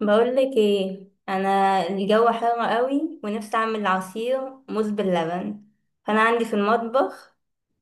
بقولك ايه انا. الجو حر قوي ونفسي اعمل عصير موز باللبن، فانا عندي في المطبخ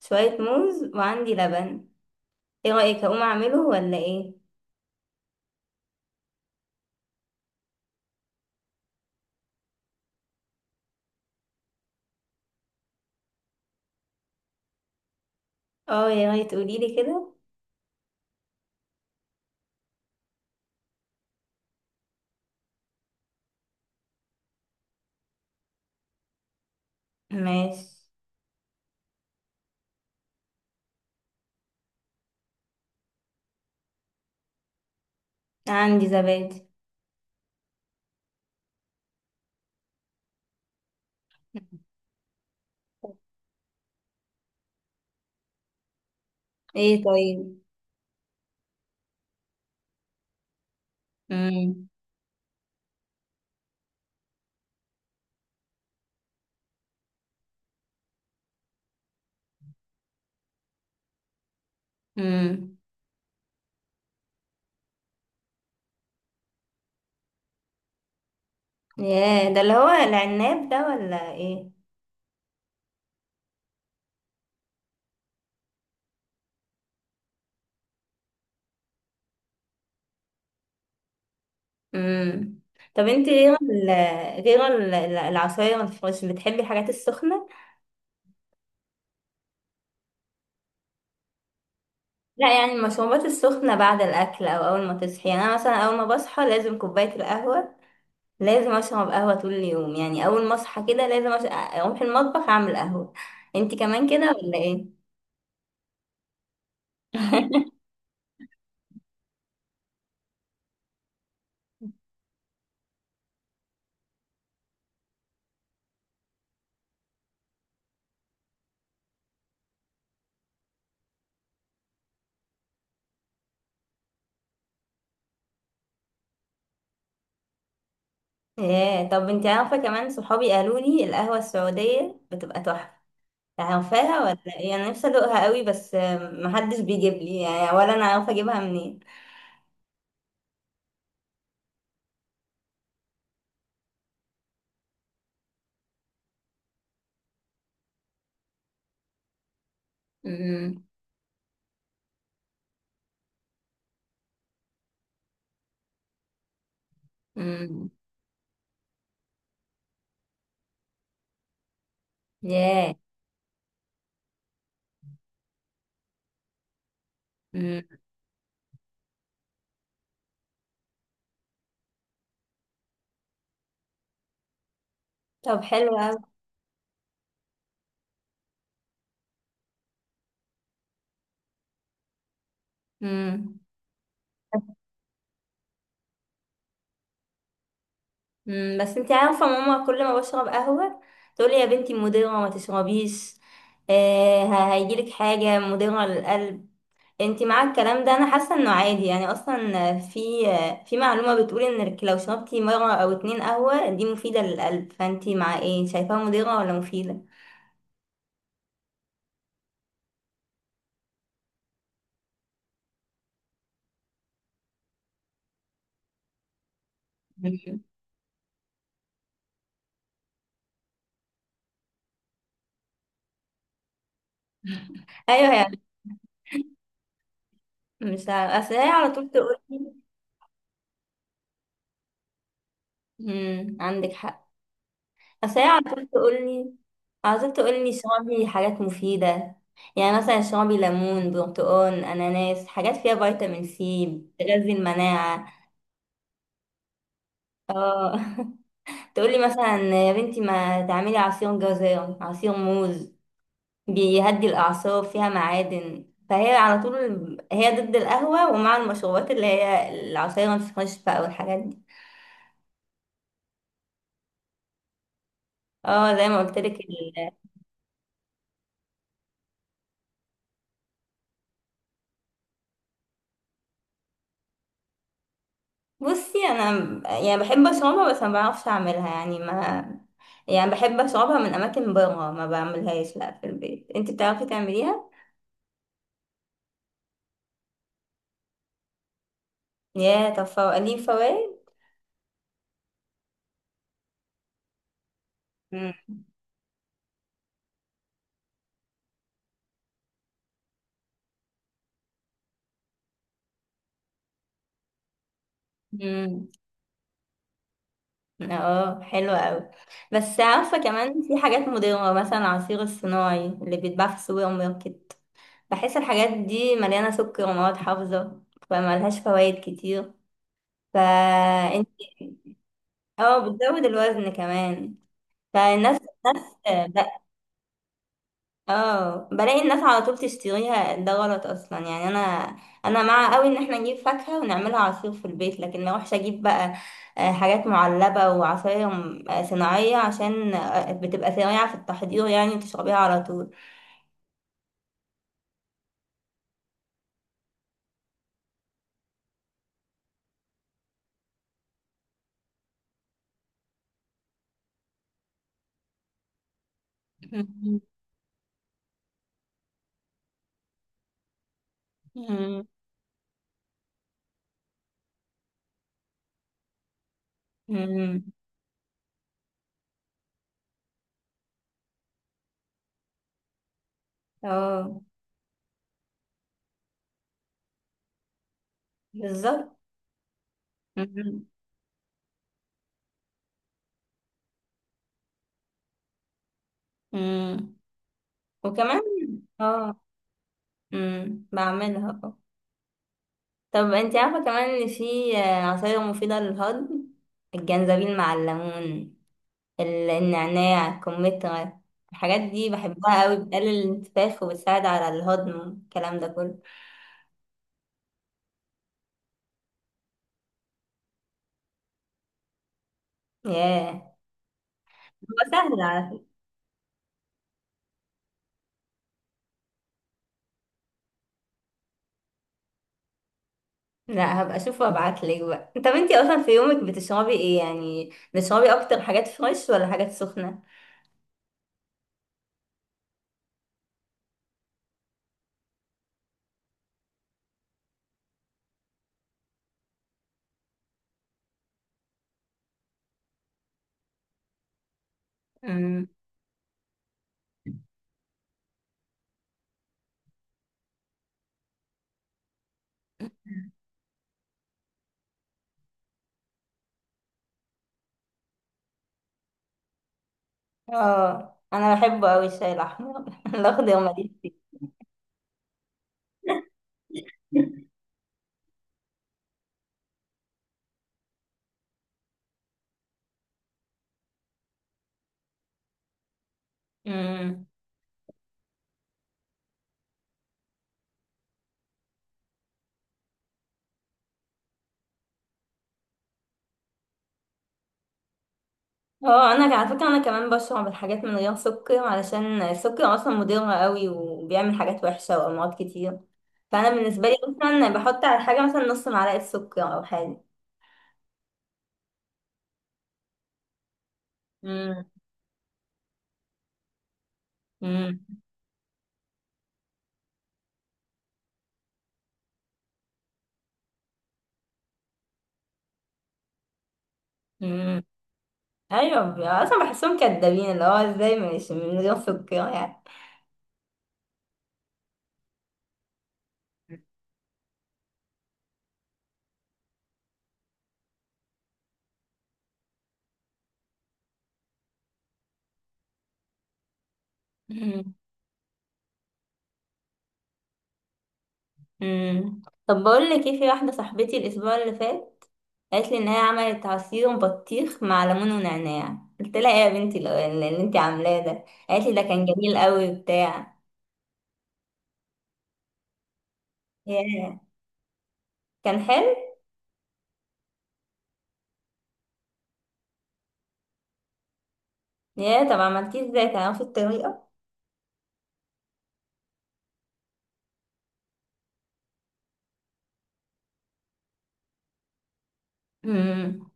شوية موز وعندي لبن. ايه رأيك اقوم اعمله ولا ايه؟ اه يا ريت تقوليلي كده. ماشي. عندي زبادي. ايه طيب. امم. امم. ياه، ده اللي هو العناب ده ولا ايه؟ امم. طب انت غير العصاير الفريش بتحبي الحاجات السخنة؟ لا يعني المشروبات السخنة بعد الأكل أو أول ما تصحي، يعني أنا مثلا أول ما بصحى لازم كوباية القهوة. لازم أشرب قهوة طول اليوم، يعني أول ما أصحى كده لازم أروح المطبخ أعمل قهوة. انتي كمان كده ولا ايه؟ ايه طب انتي عارفة كمان، صحابي قالوا لي القهوة السعودية بتبقى تحفة. عارفاها ولا ايه؟ أنا نفسي أدوقها قوي، بس محدش بيجيب لي يعني، ولا أنا عارفة أجيبها منين. أمم، أمم، ياه. أمم. طب حلو أوي. أمم. مم، بس انت عارفة ماما كل ما بشرب قهوة تقولي يا بنتي مضرة ما تشربيش. آه هيجيلك حاجة مضرة للقلب. انت مع الكلام ده انا حاسة انه عادي، يعني اصلا في معلومة بتقول انك لو شربتي مرة او اتنين قهوة دي مفيدة للقلب، فانت مع ايه، شايفاها مضرة ولا مفيدة؟ مم. ايوه يعني. مش عارفة، اصل هي على طول تقولي. مم، عندك حق. اصل هي عاوزاك تقولي، عاوزاك تقولي اشربي حاجات مفيدة. يعني مثلا اشربي ليمون برتقال اناناس، حاجات فيها فيتامين سي بتغذي المناعة. اه تقولي مثلا يا بنتي ما تعملي عصير جزر عصير موز بيهدي الاعصاب فيها معادن، فهي على طول هي ضد القهوة ومع المشروبات اللي هي العصير الفريش بقى والحاجات دي. اه زي ما قلت لك. بصي انا يعني بحب اشربها بس ما بعرفش اعملها يعني ما، يعني بحب اشربها من اماكن بره، ما بعملهاش لا في البيت. انت بتعرفي تعمليها؟ يا طب ليه فوائد. مم. امم. اه حلوة قوي. بس عارفة كمان في حاجات مضرة مثلا العصير الصناعي اللي بيتباع في السوبر ماركت، بحس الحاجات دي مليانة سكر ومواد حافظة فملهاش فوائد كتير. فانت، اه بتزود الوزن كمان. فالناس، الناس، اه بلاقي الناس على طول تشتريها، ده غلط اصلا يعني. انا مع قوي ان احنا نجيب فاكهة ونعملها عصير في البيت، لكن ما اروحش اجيب بقى حاجات معلبة وعصاير صناعية عشان بتبقى سريعة في التحضير يعني تشربيها على طول. مم. مم. امم اه بالظبط. امم. أمم. وكمان اه. بعملها اه. طب انت عارفة كمان ان في عصاير مفيدة للهضم. الجنزبيل مع الليمون، النعناع، الكمثرى، الحاجات دي بحبها قوي، بتقلل الانتفاخ وبتساعد على الهضم الكلام ده كله. ياه. هو سهل على فكرة. لا هبقى اشوف وابعتلك بقى. طب انتي اصلا في يومك بتشربي ايه؟ يعني بتشربي اكتر حاجات فريش ولا حاجات سخنة؟ امم. اه انا بحبه قوي الشاي الاحمر الاخضر ماليش فيه. اه انا على فكره انا كمان بشرب الحاجات من غير سكر علشان السكر اصلا مضر قوي وبيعمل حاجات وحشه وامراض كتير. فانا بالنسبه لي مثلا بحط على الحاجه مثلا نص معلقه سكر او حاجه. امم. امم. امم. ايوه، اصلا بحسهم كدابين، اللي هو ازاي مش من غير سكر يعني؟ مم. مم. طب بقول لك ايه، في واحده صاحبتي الاسبوع اللي فات قالت لي ان هي عملت عصير بطيخ مع ليمون ونعناع. قلت لها ايه يا بنتي اللي انت عاملاه ده؟ قالت لي ده كان جميل قوي بتاع. ياه. كان حلو. ياه. طب عملتيه ازاي؟ كان نفس الطريقة؟ امم.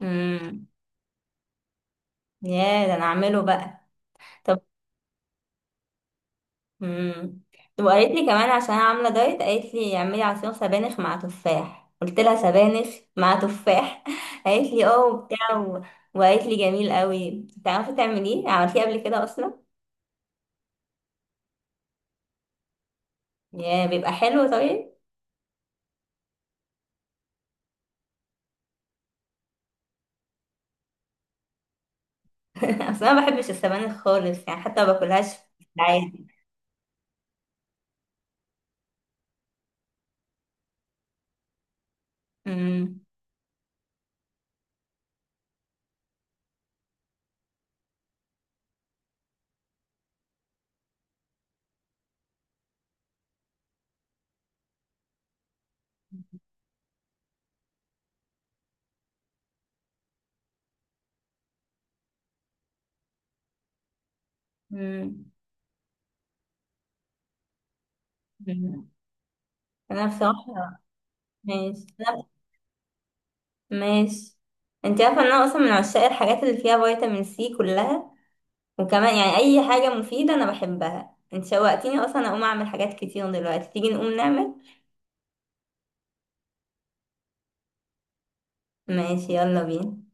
امم. ياه ده انا اعمله بقى. طب. امم. طب وقالت لي كمان عشان انا عاملة دايت قالت لي اعملي عصير سبانخ مع تفاح. قلت لها سبانخ مع تفاح قالت لي اه وبتاع و... وقالت لي جميل قوي، تعرفي تعمليه؟ عملتيه قبل كده اصلا؟ ياه بيبقى حلو طيب. اصل انا ما بحبش السبانخ خالص يعني، حتى ما باكلهاش في العادي. امم. امم. أمم. انا بصراحة. ماشي انا. ماشي. انت عارفه ان انا اصلا من عشاق الحاجات اللي فيها فيتامين سي كلها، وكمان يعني اي حاجه مفيده انا بحبها. انت شوقتيني اصلا اقوم اعمل حاجات كتير دلوقتي. تيجي نقوم نعمل؟ ماشي. يلا بينا.